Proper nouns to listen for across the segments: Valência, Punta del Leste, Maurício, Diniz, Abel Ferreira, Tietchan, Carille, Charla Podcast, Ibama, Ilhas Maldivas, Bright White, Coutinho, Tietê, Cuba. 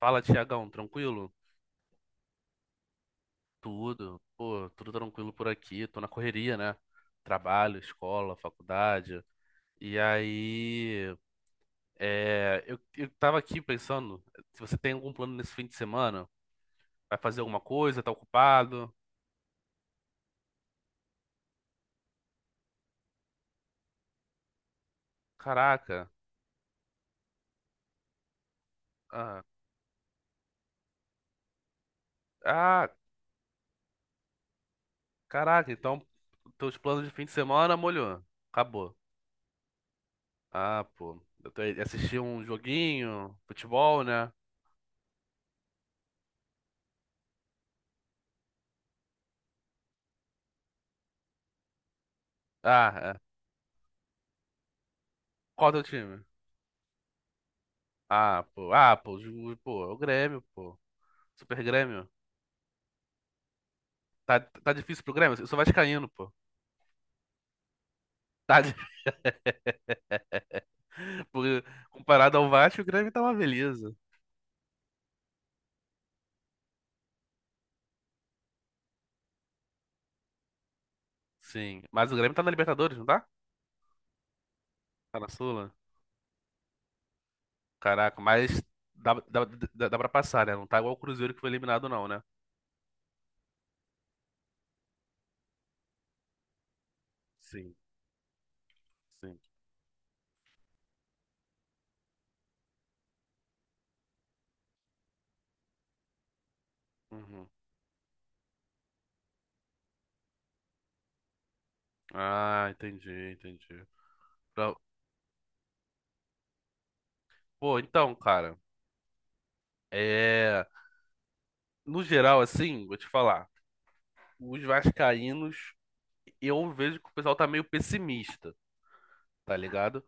Fala, Tiagão, tranquilo? Tudo, pô, tudo tranquilo por aqui, tô na correria, né? Trabalho, escola, faculdade. E aí, eu tava aqui pensando, se você tem algum plano nesse fim de semana, vai fazer alguma coisa, tá ocupado? Caraca, ah, ah, caraca, então teus planos de fim de semana, molhou, acabou. Ah, pô, assisti um joguinho, futebol, né? Ah, é. Qual é o teu time? Ah, pô. Ah, pô. Pô, é o Grêmio, pô. Super Grêmio. Tá difícil pro Grêmio? Eu sou vascaíno, pô. Tá, di- Porque comparado ao Vasco, o Grêmio tá uma beleza. Sim. Mas o Grêmio tá na Libertadores, não tá? Tá na Sula? Caraca, mas dá, dá, dá pra passar, né? Não tá igual o Cruzeiro que foi eliminado, não, né? Sim, sim. Uhum. Ah, entendi, entendi. Pra- Pô, então, cara, é... no geral, assim, vou te falar, os vascaínos, eu vejo que o pessoal tá meio pessimista. Tá ligado?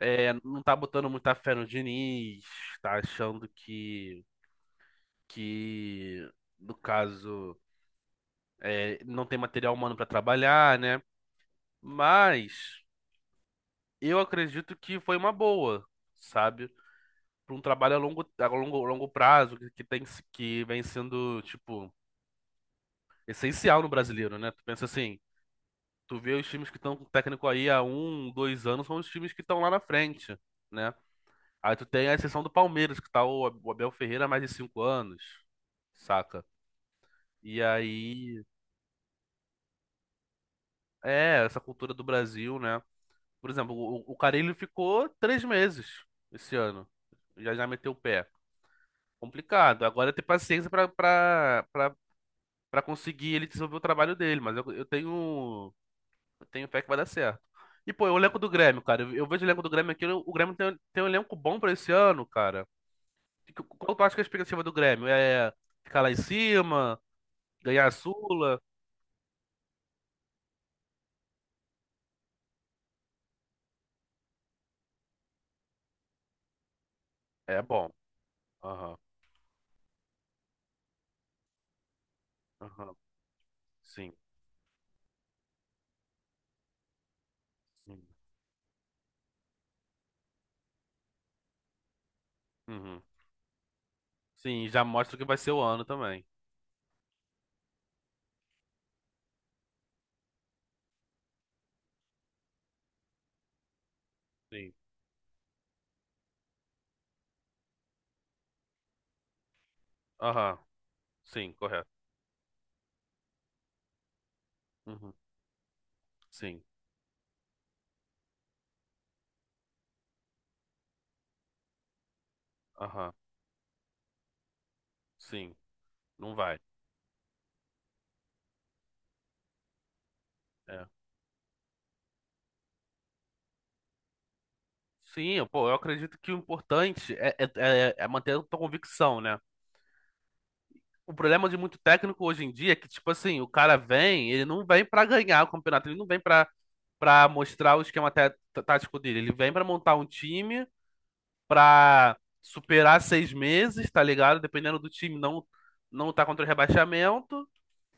É, não tá botando muita fé no Diniz, tá achando que, que no caso, não tem material humano pra trabalhar, né? Mas eu acredito que foi uma boa, sabe? Pra um trabalho a longo prazo, que, tem, se- que vem sendo, tipo, essencial no brasileiro, né? Tu pensa assim, tu vê os times que estão com o técnico aí há 1, 2 anos, são os times que estão lá na frente, né? Aí tu tem a exceção do Palmeiras, que tá o Abel Ferreira há mais de 5 anos, saca? E aí, essa cultura do Brasil, né? Por exemplo, o Carille ficou 3 meses esse ano. Já já meteu o pé. Complicado. Agora é ter paciência pra conseguir ele desenvolver o trabalho dele, mas eu tenho fé que vai dar certo. E, pô, o elenco do Grêmio, cara. Eu vejo o elenco do Grêmio aqui, o Grêmio tem um elenco bom pra esse ano, cara. E qual tu acha que é a expectativa do Grêmio? É ficar lá em cima? Ganhar a Sula é bom. Aham, aham, sim. Sim, uhum. Sim, já mostra o que vai ser o ano também. Sim, aham, sim, correto. Uhum. Sim, aham, sim, não vai. É. Sim, pô, eu acredito que o importante manter a tua convicção, né? O problema de muito técnico hoje em dia é que, tipo assim, o cara vem, ele não vem pra ganhar o campeonato, ele não vem pra para mostrar o esquema tático dele, ele vem pra montar um time pra superar 6 meses, tá ligado? Dependendo do time não tá contra o rebaixamento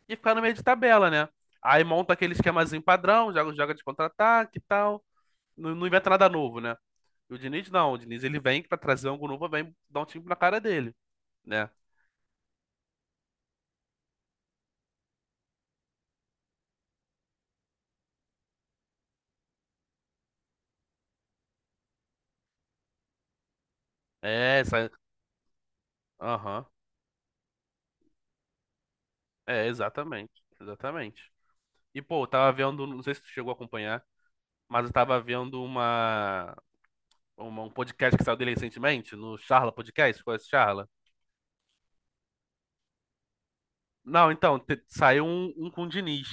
e ficar no meio de tabela, né? Aí monta aquele esquemazinho padrão, joga de contra-ataque e tal. Não, não inventa nada novo, né? E o Diniz não, o Diniz ele vem pra trazer algo novo, vem dar um time na cara dele, né? É, essa. Aham. É, exatamente. Exatamente. E, pô, eu tava vendo, não sei se tu chegou a acompanhar, mas eu tava vendo um podcast que saiu dele recentemente, no Charla Podcast, conhece o Charla? Não, então, saiu um com o Diniz.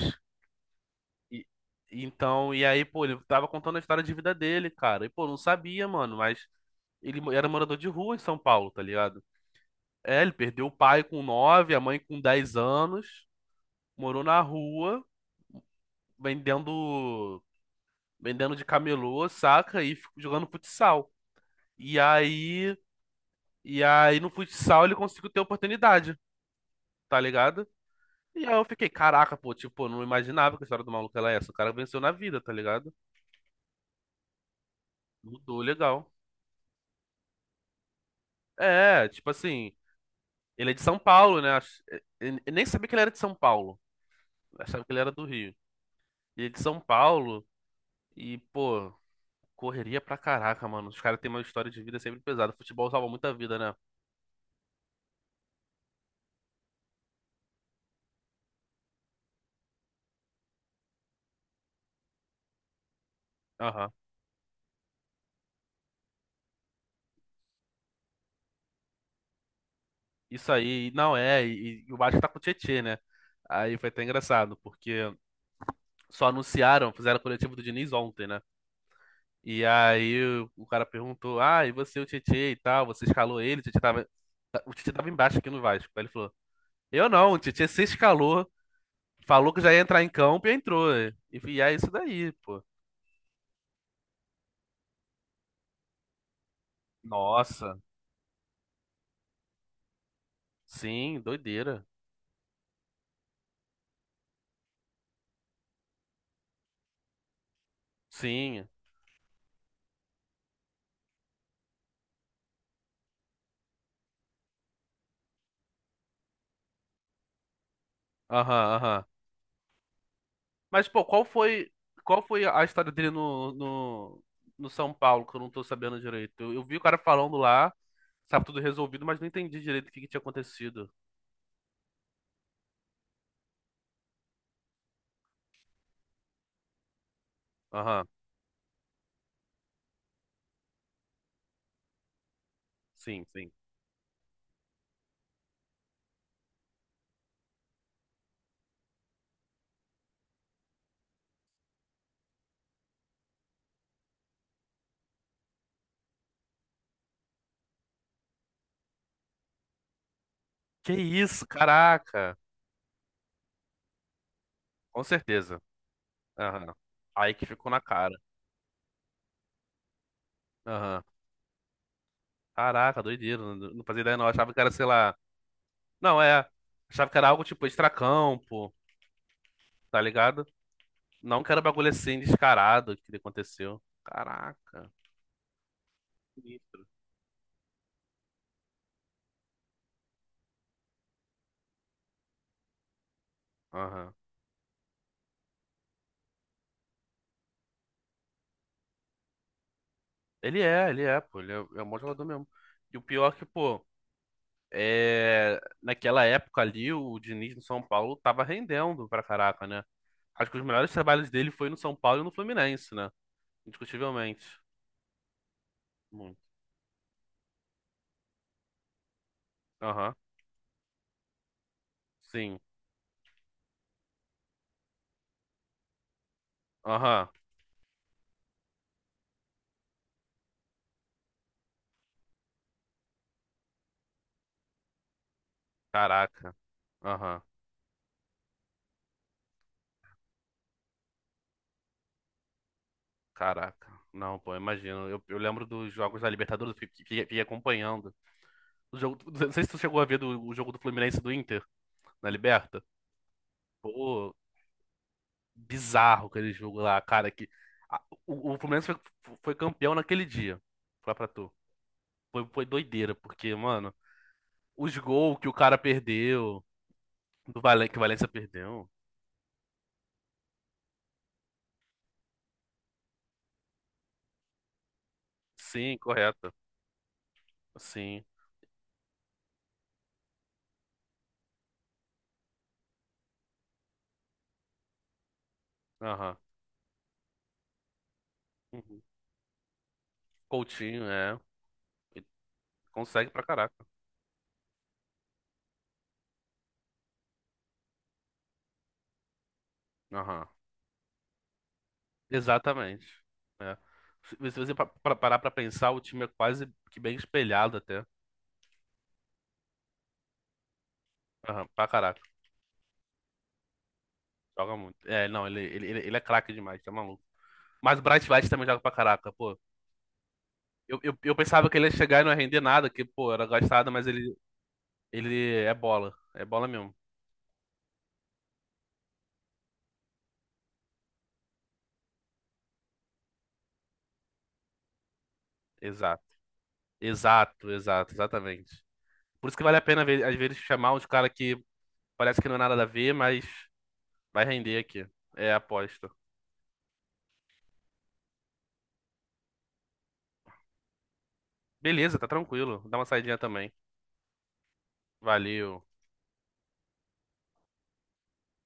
E, então, e aí, pô, ele tava contando a história de vida dele, cara. E, pô, não sabia, mano, mas ele era morador de rua em São Paulo, tá ligado? É, ele perdeu o pai com 9, a mãe com 10 anos, morou na rua, vendendo, vendendo de camelô, saca? E jogando futsal. E aí, e aí no futsal ele conseguiu ter oportunidade, tá ligado? E aí eu fiquei, caraca, pô, tipo, eu não imaginava que a história do maluco era essa. O cara venceu na vida, tá ligado? Mudou, legal. É, tipo assim, ele é de São Paulo, né? Eu nem sabia que ele era de São Paulo. Eu achava que ele era do Rio. Ele é de São Paulo e, pô, correria pra caraca, mano. Os caras têm uma história de vida sempre pesada. Futebol salva muita vida, né? Aham. Isso aí, não é. E o Vasco tá com o Tietê, né? Aí foi até engraçado, porque só anunciaram, fizeram o coletivo do Diniz ontem, né? E aí o cara perguntou: Ah, e você, o Tietê e tal? Você escalou ele? O Tietê tava embaixo aqui no Vasco. Aí ele falou. Eu não, o Tietchan se escalou, falou que já ia entrar em campo e entrou. E é isso daí, pô. Nossa, sim, doideira. Sim, aham, aham. Mas, pô, qual foi a história dele no São Paulo, que eu não tô sabendo direito? Eu vi o cara falando lá, sabe, tudo resolvido, mas não entendi direito o que que tinha acontecido. Aham, sim, sim. Que isso, caraca! Com certeza. Aham. Aí que ficou na cara. Aham. Caraca, doideira. Não fazia ideia, não. Eu achava que era, sei lá. Não, é. Achava que era algo tipo extracampo, tá ligado? Não que era um bagulho assim descarado que aconteceu. Caraca. Sinistro. Aham. Ele é, pô. Ele é, é um bom jogador mesmo. E o pior é que, pô, naquela época ali, o Diniz no São Paulo tava rendendo pra caraca, né? Acho que os melhores trabalhos dele foi no São Paulo e no Fluminense, né? Indiscutivelmente. Muito. Aham. Sim. Aham. Caraca. Aham. Caraca, não, pô, imagino. Eu lembro dos jogos da Libertadores, eu fiquei acompanhando. O jogo, não sei se tu chegou a ver o jogo do Fluminense e do Inter na Liberta. Pô, bizarro aquele jogo lá, cara. Que, o Fluminense foi campeão naquele dia. Foi pra tu. Foi doideira, porque, mano, os gols que o cara perdeu, que o Valência perdeu. Sim, correto. Sim, aham. Uhum. Coutinho, é. Consegue pra caraca. Aham. Exatamente. É. Se você parar pra pensar, o time é quase que bem espelhado até. Aham, pra caraca. Joga muito. É, não, ele é craque demais, tá maluco. Mas o Bright White também joga pra caraca, pô. Eu pensava que ele ia chegar e não ia render nada, que, pô, era gastado, mas ele é bola. É bola mesmo. Exato. Exato, exato, exatamente. Por isso que vale a pena, às vezes, chamar uns caras que parece que não é nada a ver, mas vai render aqui. É aposta. Beleza, tá tranquilo. Dá uma saidinha também. Valeu.